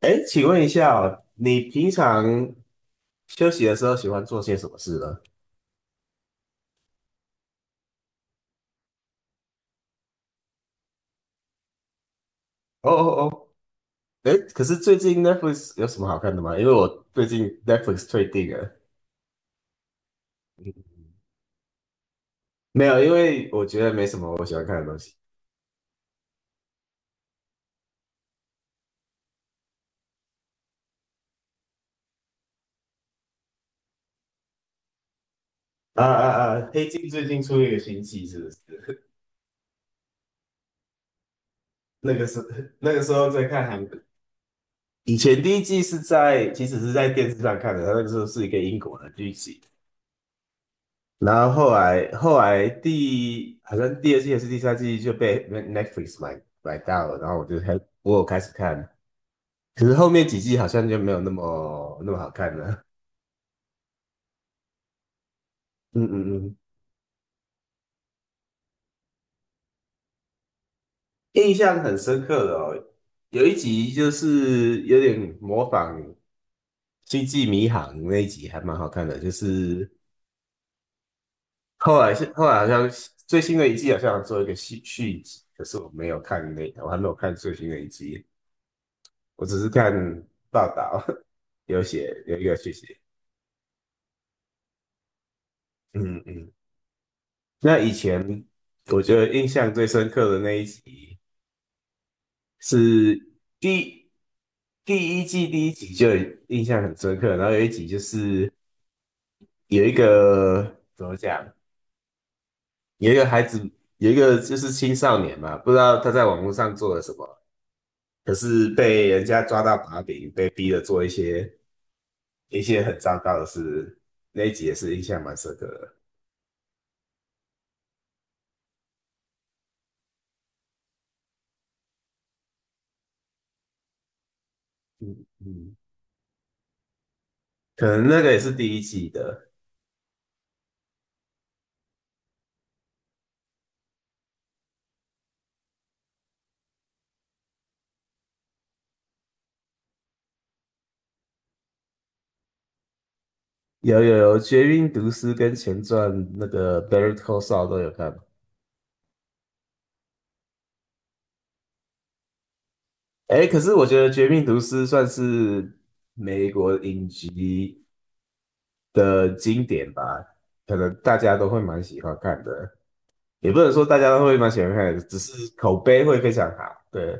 哎，请问一下哦你平常休息的时候喜欢做些什么事呢？哦哦哦，哎，可是最近 Netflix 有什么好看的吗？因为我最近 Netflix 退订了。嗯 没有，因为我觉得没什么我喜欢看的东西。啊啊啊！黑镜最近出一个新季，是不是？那个是那个时候在看韩国，以前第一季其实是在电视上看的，它那个时候是一个英国的剧集，然后后来好像第二季还是第三季就被 Netflix 买到了，然后我有开始看，可是后面几季好像就没有那么好看了。嗯嗯嗯，印象很深刻的哦，有一集就是有点模仿《星际迷航》那一集还蛮好看的，就是后来好像最新的一季好像做一个续集，可是我没有看那，我还没有看最新的一集。我只是看报道 有一个去写，嗯嗯。那以前我觉得印象最深刻的那一集是第第一季第一集就印象很深刻，然后有一集就是有一个怎么讲，有一个孩子有一个就是青少年嘛，不知道他在网络上做了什么，可是被人家抓到把柄，被逼着做一些很糟糕的事，那一集也是印象蛮深刻的。嗯。可能那个也是第一季的，有有有，《绝命毒师》跟前传那个《Better Call s a u 都有看。哎，可是我觉得《绝命毒师》算是美国影集的经典吧，可能大家都会蛮喜欢看的，也不能说大家都会蛮喜欢看的只是口碑会非常好。对，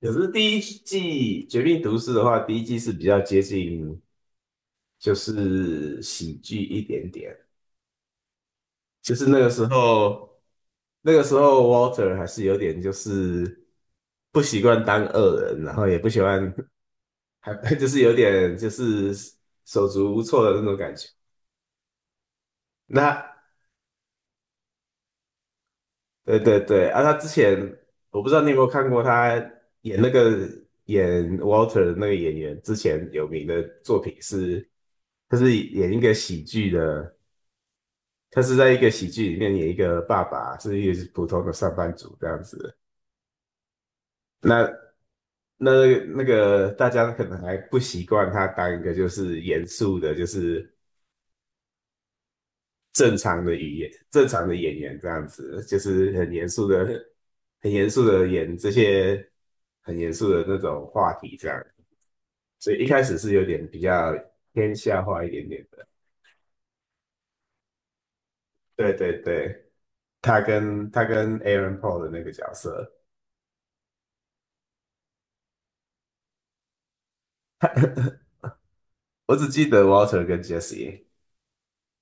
可是第一季《绝命毒师》的话，第一季是比较接近就是喜剧一点点。就是那个时候，那个时候 Walter 还是有点就是不习惯当恶人，然后也不喜欢，还 就是有点就是手足无措的那种感觉。那对对对，啊，他之前我不知道你有没有看过他演那个演 Walter 的那个演员之前有名的作品是，他是演一个喜剧的，他是在一个喜剧里面演一个爸爸，是一个普通的上班族这样子。那那那个大家可能还不习惯他当一个就是严肃的，就是正常的语言、正常的演员这样子，就是很严肃的、很严肃的演这些很严肃的那种话题这样。所以一开始是有点比较偏笑话一点点的。对对对，他跟 Aaron Paul 的那个角色，我只记得 Walter 跟 Jesse，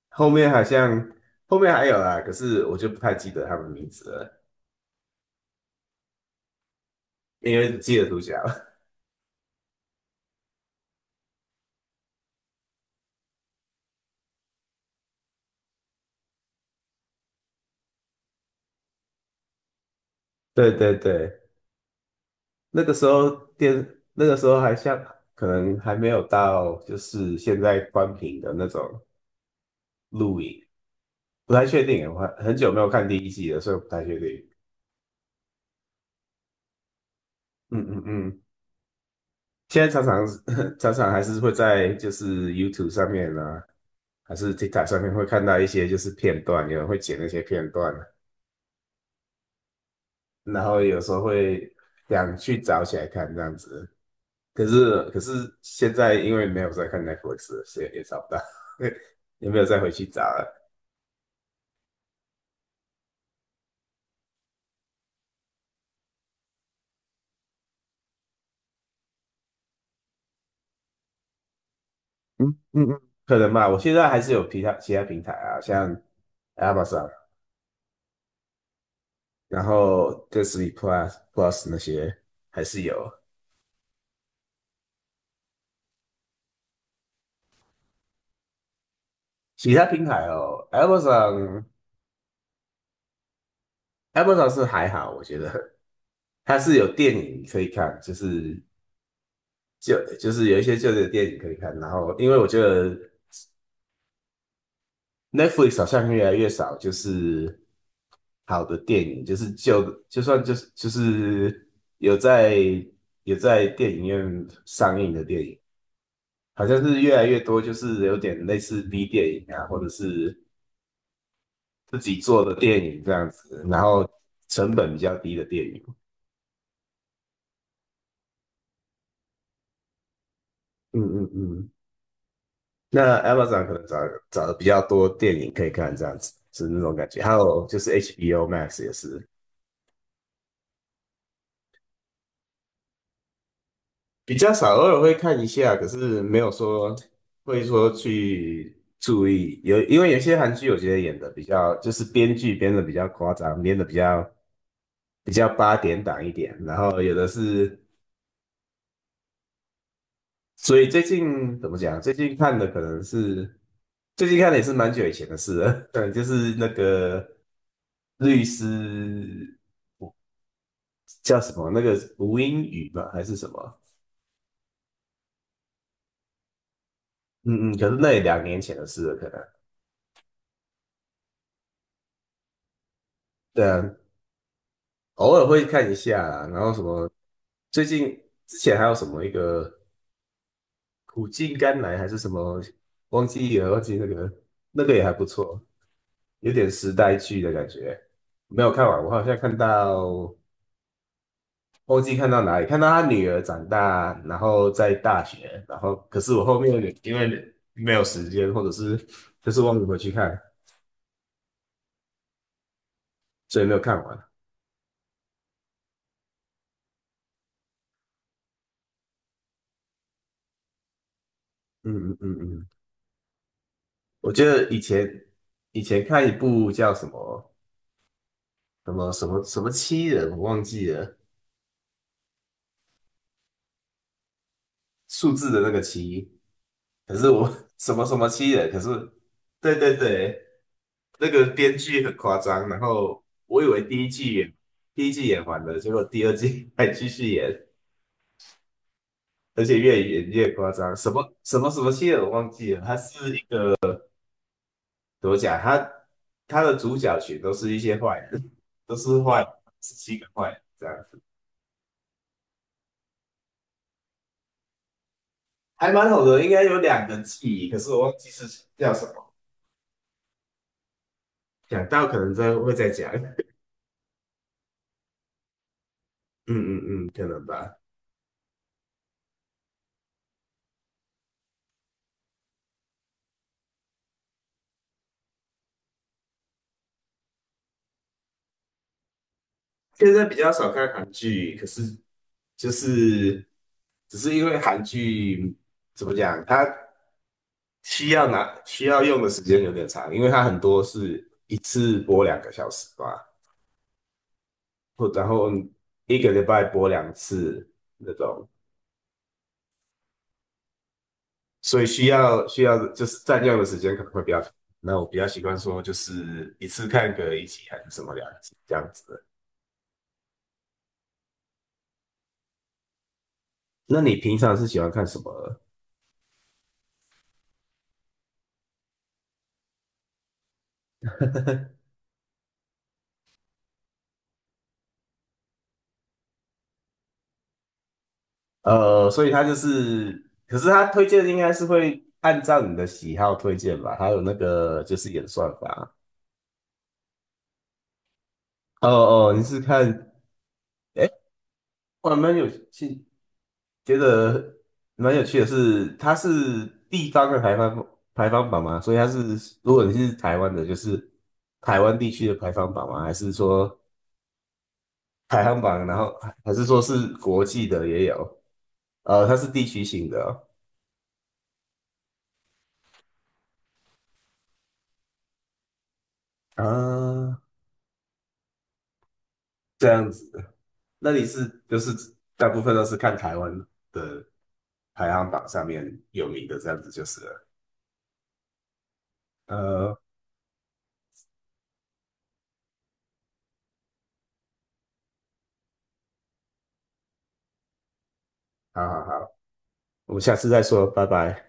后面好像后面还有啦，可是我就不太记得他们名字了，因为只记得主角。对对对，那个时候电，那个时候还像可能还没有到就是现在关屏的那种录影，不太确定，我还很久没有看第一季了，所以我不太确定。嗯嗯嗯，现在常常 常常还是会在就是 YouTube 上面啊，还是 TikTok 上面会看到一些就是片段，有人会剪那些片段，然后有时候会想去找起来看这样子。可是现在因为没有在看 Netflix 了所以也找不到，也没有再回去找了。嗯嗯嗯，可能吧，我现在还是有其他平台啊，像 Amazon，然后 Disney Plus 那些还是有其他平台哦。Amazon 是还好，我觉得它是有电影可以看，就是有一些旧的电影可以看。然后因为我觉得 Netflix 好像越来越少，就是好的电影，就是就算有在电影院上映的电影，好像是越来越多，就是有点类似 B 电影啊，或者是自己做的电影这样子，然后成本比较低的电影。嗯嗯嗯，那 Amazon 可能找的比较多电影可以看，这样子是那种感觉。还有就是 HBO Max 也是，比较少，偶尔会看一下，可是没有说会说去注意。有，因为有些韩剧我觉得演的比较，就是编剧编的比较夸张，编的比较八点档一点，然后有的是，所以最近怎么讲？最近看的也是蛮久以前的事了，对，就是那个律师叫什么？那个吴英语吧，还是什么？嗯嗯，可是那也2年前的事了，可能。对啊，偶尔会看一下啦然后什么，最近之前还有什么一个苦尽甘来还是什么，忘记了，忘记那个也还不错，有点时代剧的感觉。没有看完，我好像看到忘记看到哪里，看到他女儿长大，然后在大学，然后可是我后面因为没有时间，或者是就是忘记回去看，所以没有看完。嗯嗯嗯嗯，我觉得以前看一部叫什么什么七人，我忘记了数字的那个七，可是我 什么什么七人，可是对对对，那个编剧很夸张，然后我以为第一季演完了，结果第二季 还继续演，而且越演越夸张，什么什么七人我忘记了，他是一个怎么讲，他的主角群都是一些坏人，都是坏人，是七个坏人这样子，还蛮好的，应该有两个记忆，可是我忘记是叫什么。讲到可能再会再讲，嗯嗯嗯，可能吧。现在比较少看韩剧，可是就是只是因为韩剧怎么讲，它需要用的时间有点长，因为它很多是一次播2个小时吧，或然后一个礼拜播两次那种，所以需要就是占用的时间可能会比较长。那我比较习惯说就是一次看个一集还是什么两集这样子的。那你平常是喜欢看什么？所以他就是，可是他推荐应该是会按照你的喜好推荐吧，还有那个就是演算法。哦哦，你是看，哎，我还蛮有趣，觉得蛮有趣的是，它是地方的排放榜吗？所以它是，如果你是台湾的，就是台湾地区的排行榜吗？还是说排行榜，然后还是说是国际的也有？它是地区性的哦啊，这样子。那你是就是大部分都是看台湾的排行榜上面有名的这样子就是了。呃，好好好，我们下次再说，拜拜。